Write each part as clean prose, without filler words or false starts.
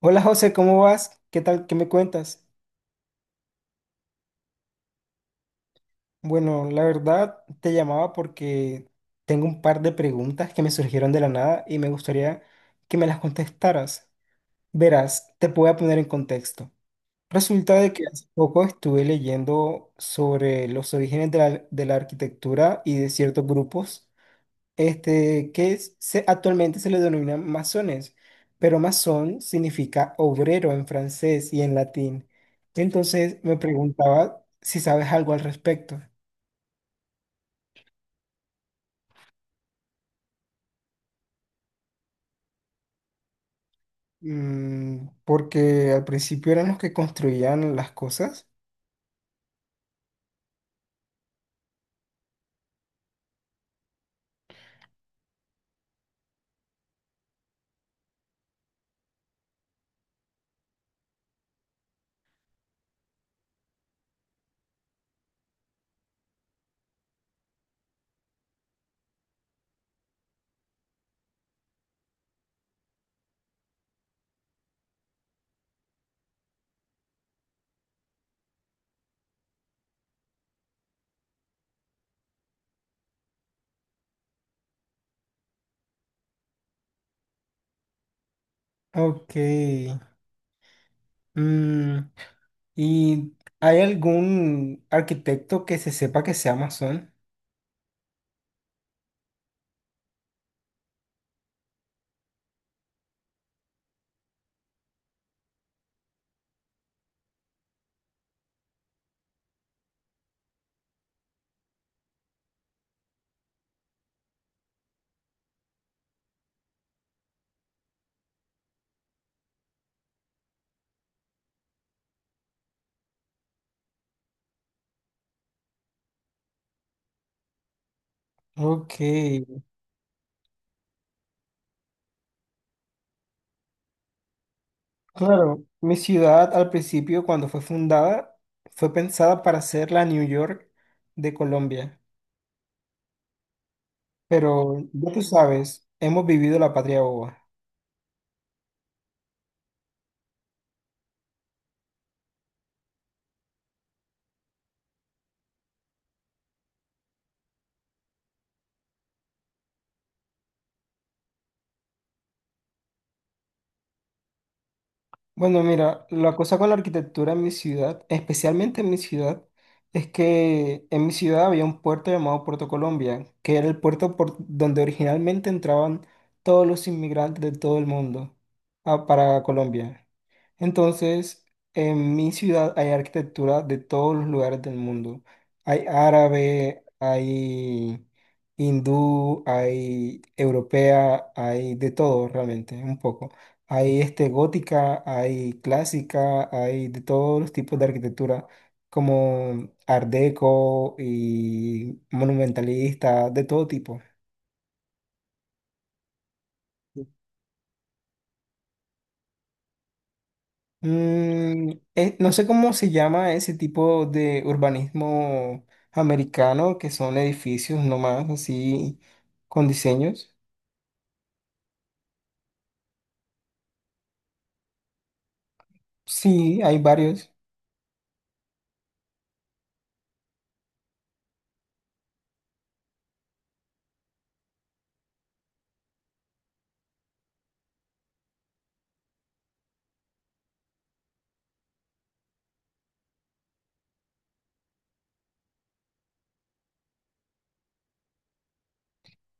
Hola José, ¿cómo vas? ¿Qué tal? ¿Qué me cuentas? Bueno, la verdad te llamaba porque tengo un par de preguntas que me surgieron de la nada y me gustaría que me las contestaras. Verás, te voy a poner en contexto. Resulta de que hace poco estuve leyendo sobre los orígenes de la arquitectura y de ciertos grupos. Actualmente se le denomina masones, pero masón significa obrero en francés y en latín. Entonces me preguntaba si sabes algo al respecto. Mm, porque al principio eran los que construían las cosas. Ok. Mm, ¿y hay algún arquitecto que se sepa que sea masón? Ok. Claro, mi ciudad al principio, cuando fue fundada, fue pensada para ser la New York de Colombia, pero ya tú sabes, hemos vivido la patria boba. Bueno, mira, la cosa con la arquitectura en mi ciudad, especialmente en mi ciudad, es que en mi ciudad había un puerto llamado Puerto Colombia, que era el puerto por donde originalmente entraban todos los inmigrantes de todo el mundo para Colombia. Entonces, en mi ciudad hay arquitectura de todos los lugares del mundo. Hay árabe, hay hindú, hay europea, hay de todo realmente, un poco. Hay gótica, hay clásica, hay de todos los tipos de arquitectura, como art deco y monumentalista, de todo tipo. Mm, no sé cómo se llama ese tipo de urbanismo americano, que son edificios nomás así con diseños. Sí, hay varios.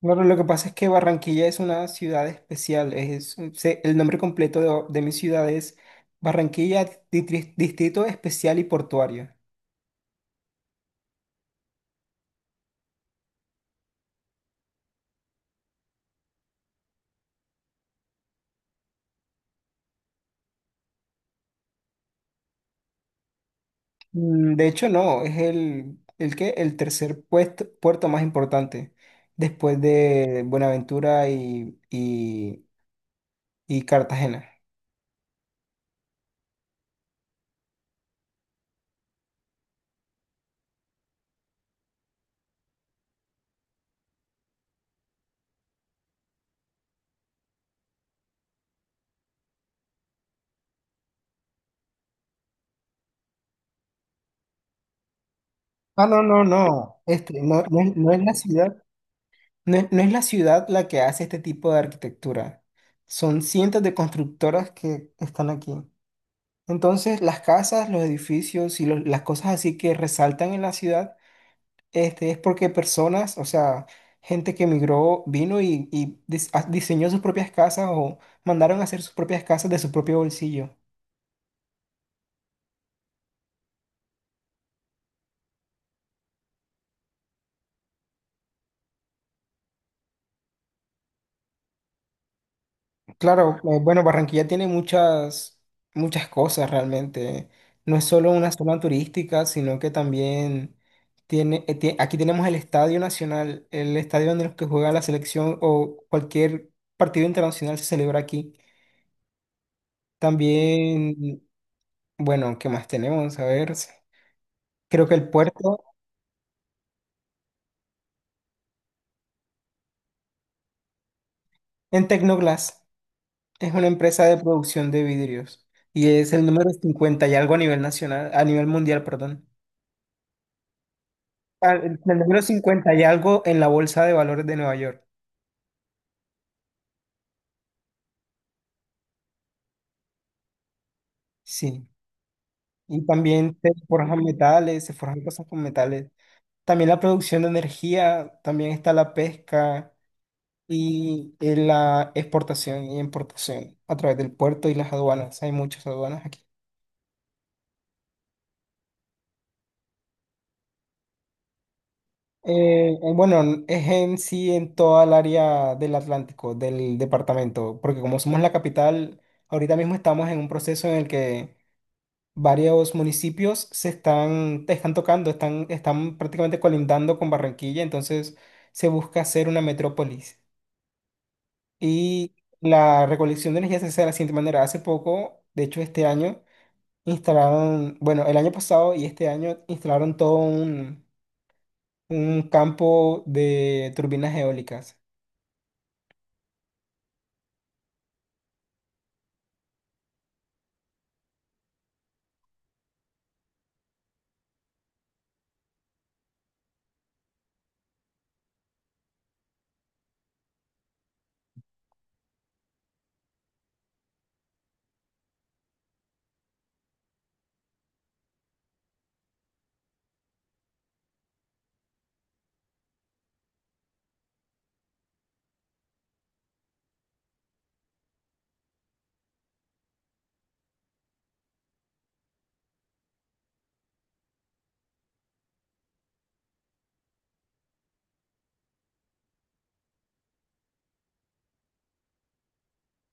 Bueno, lo que pasa es que Barranquilla es una ciudad especial. El nombre completo de mi ciudad es Barranquilla Distrito Especial y Portuario. Mm, de hecho, no, es el tercer puerto más importante después de Buenaventura y Cartagena. Ah, no, no, no. No, no es la ciudad, no es la ciudad la que hace este tipo de arquitectura. Son cientos de constructoras que están aquí. Entonces, las casas, los edificios y las cosas así que resaltan en la ciudad, es porque personas, o sea, gente que emigró, vino y diseñó sus propias casas o mandaron a hacer sus propias casas de su propio bolsillo. Claro, bueno, Barranquilla tiene muchas cosas realmente. No es solo una zona turística, sino que también aquí tenemos el Estadio Nacional, el estadio donde los que juega la selección o cualquier partido internacional se celebra aquí. También, bueno, ¿qué más tenemos? A ver, sí, creo que el puerto en Tecnoglass es una empresa de producción de vidrios y es el número 50 y algo a nivel nacional, a nivel mundial, perdón. Ah, el número 50 y algo en la bolsa de valores de Nueva York. Sí. Y también se forjan metales, se forjan cosas con metales. También la producción de energía, también está la pesca y la exportación y importación a través del puerto y las aduanas. Hay muchas aduanas aquí. Bueno, es en sí en toda el área del Atlántico, del departamento, porque como somos la capital, ahorita mismo estamos en un proceso en el que varios municipios te están tocando, están prácticamente colindando con Barranquilla, entonces se busca hacer una metrópolis. Y la recolección de energía se hace de la siguiente manera. Hace poco, de hecho este año, instalaron, bueno, el año pasado y este año instalaron todo un campo de turbinas eólicas.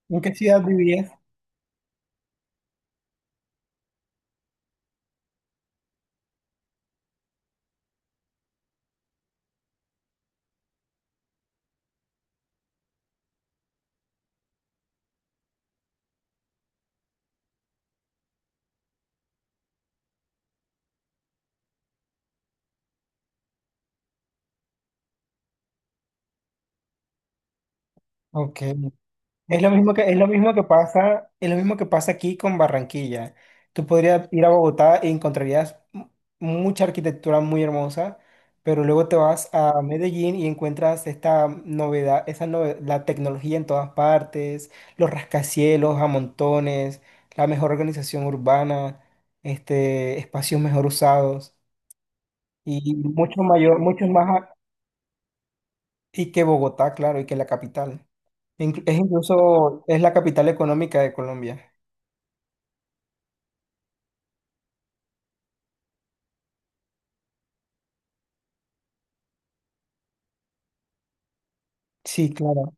¿En qué ciudad vivías? Ok. Es lo mismo que, es lo mismo que pasa, Es lo mismo que pasa aquí con Barranquilla. Tú podrías ir a Bogotá e encontrarías mucha arquitectura muy hermosa, pero luego te vas a Medellín y encuentras esta novedad, la tecnología en todas partes, los rascacielos a montones, la mejor organización urbana, espacios mejor usados y mucho mayor, y que Bogotá, claro, y que la capital. Es la capital económica de Colombia. Sí, claro.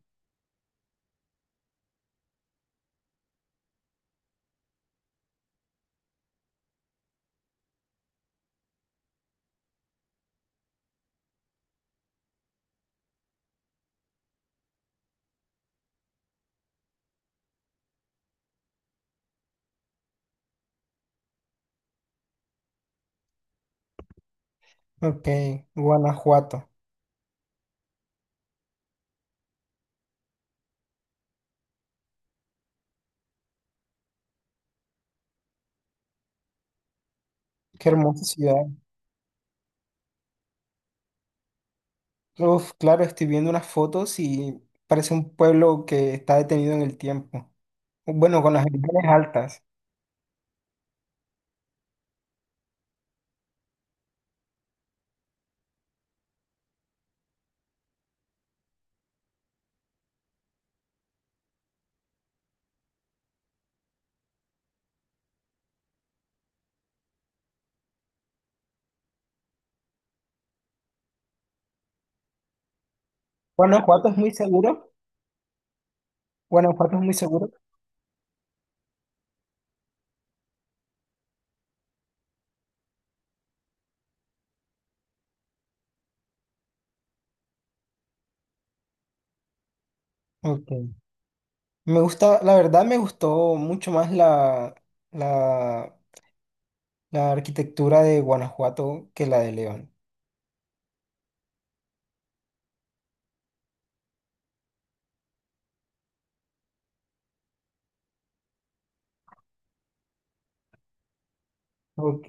Ok, Guanajuato. Qué hermosa ciudad. Uf, claro, estoy viendo unas fotos y parece un pueblo que está detenido en el tiempo. Bueno, con las ventanas altas. Guanajuato es muy seguro. Guanajuato es muy seguro. Ok. Me gusta, la verdad me gustó mucho más la, la arquitectura de Guanajuato que la de León. Ok.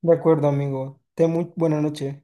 De acuerdo, amigo. Ten muy buena noche.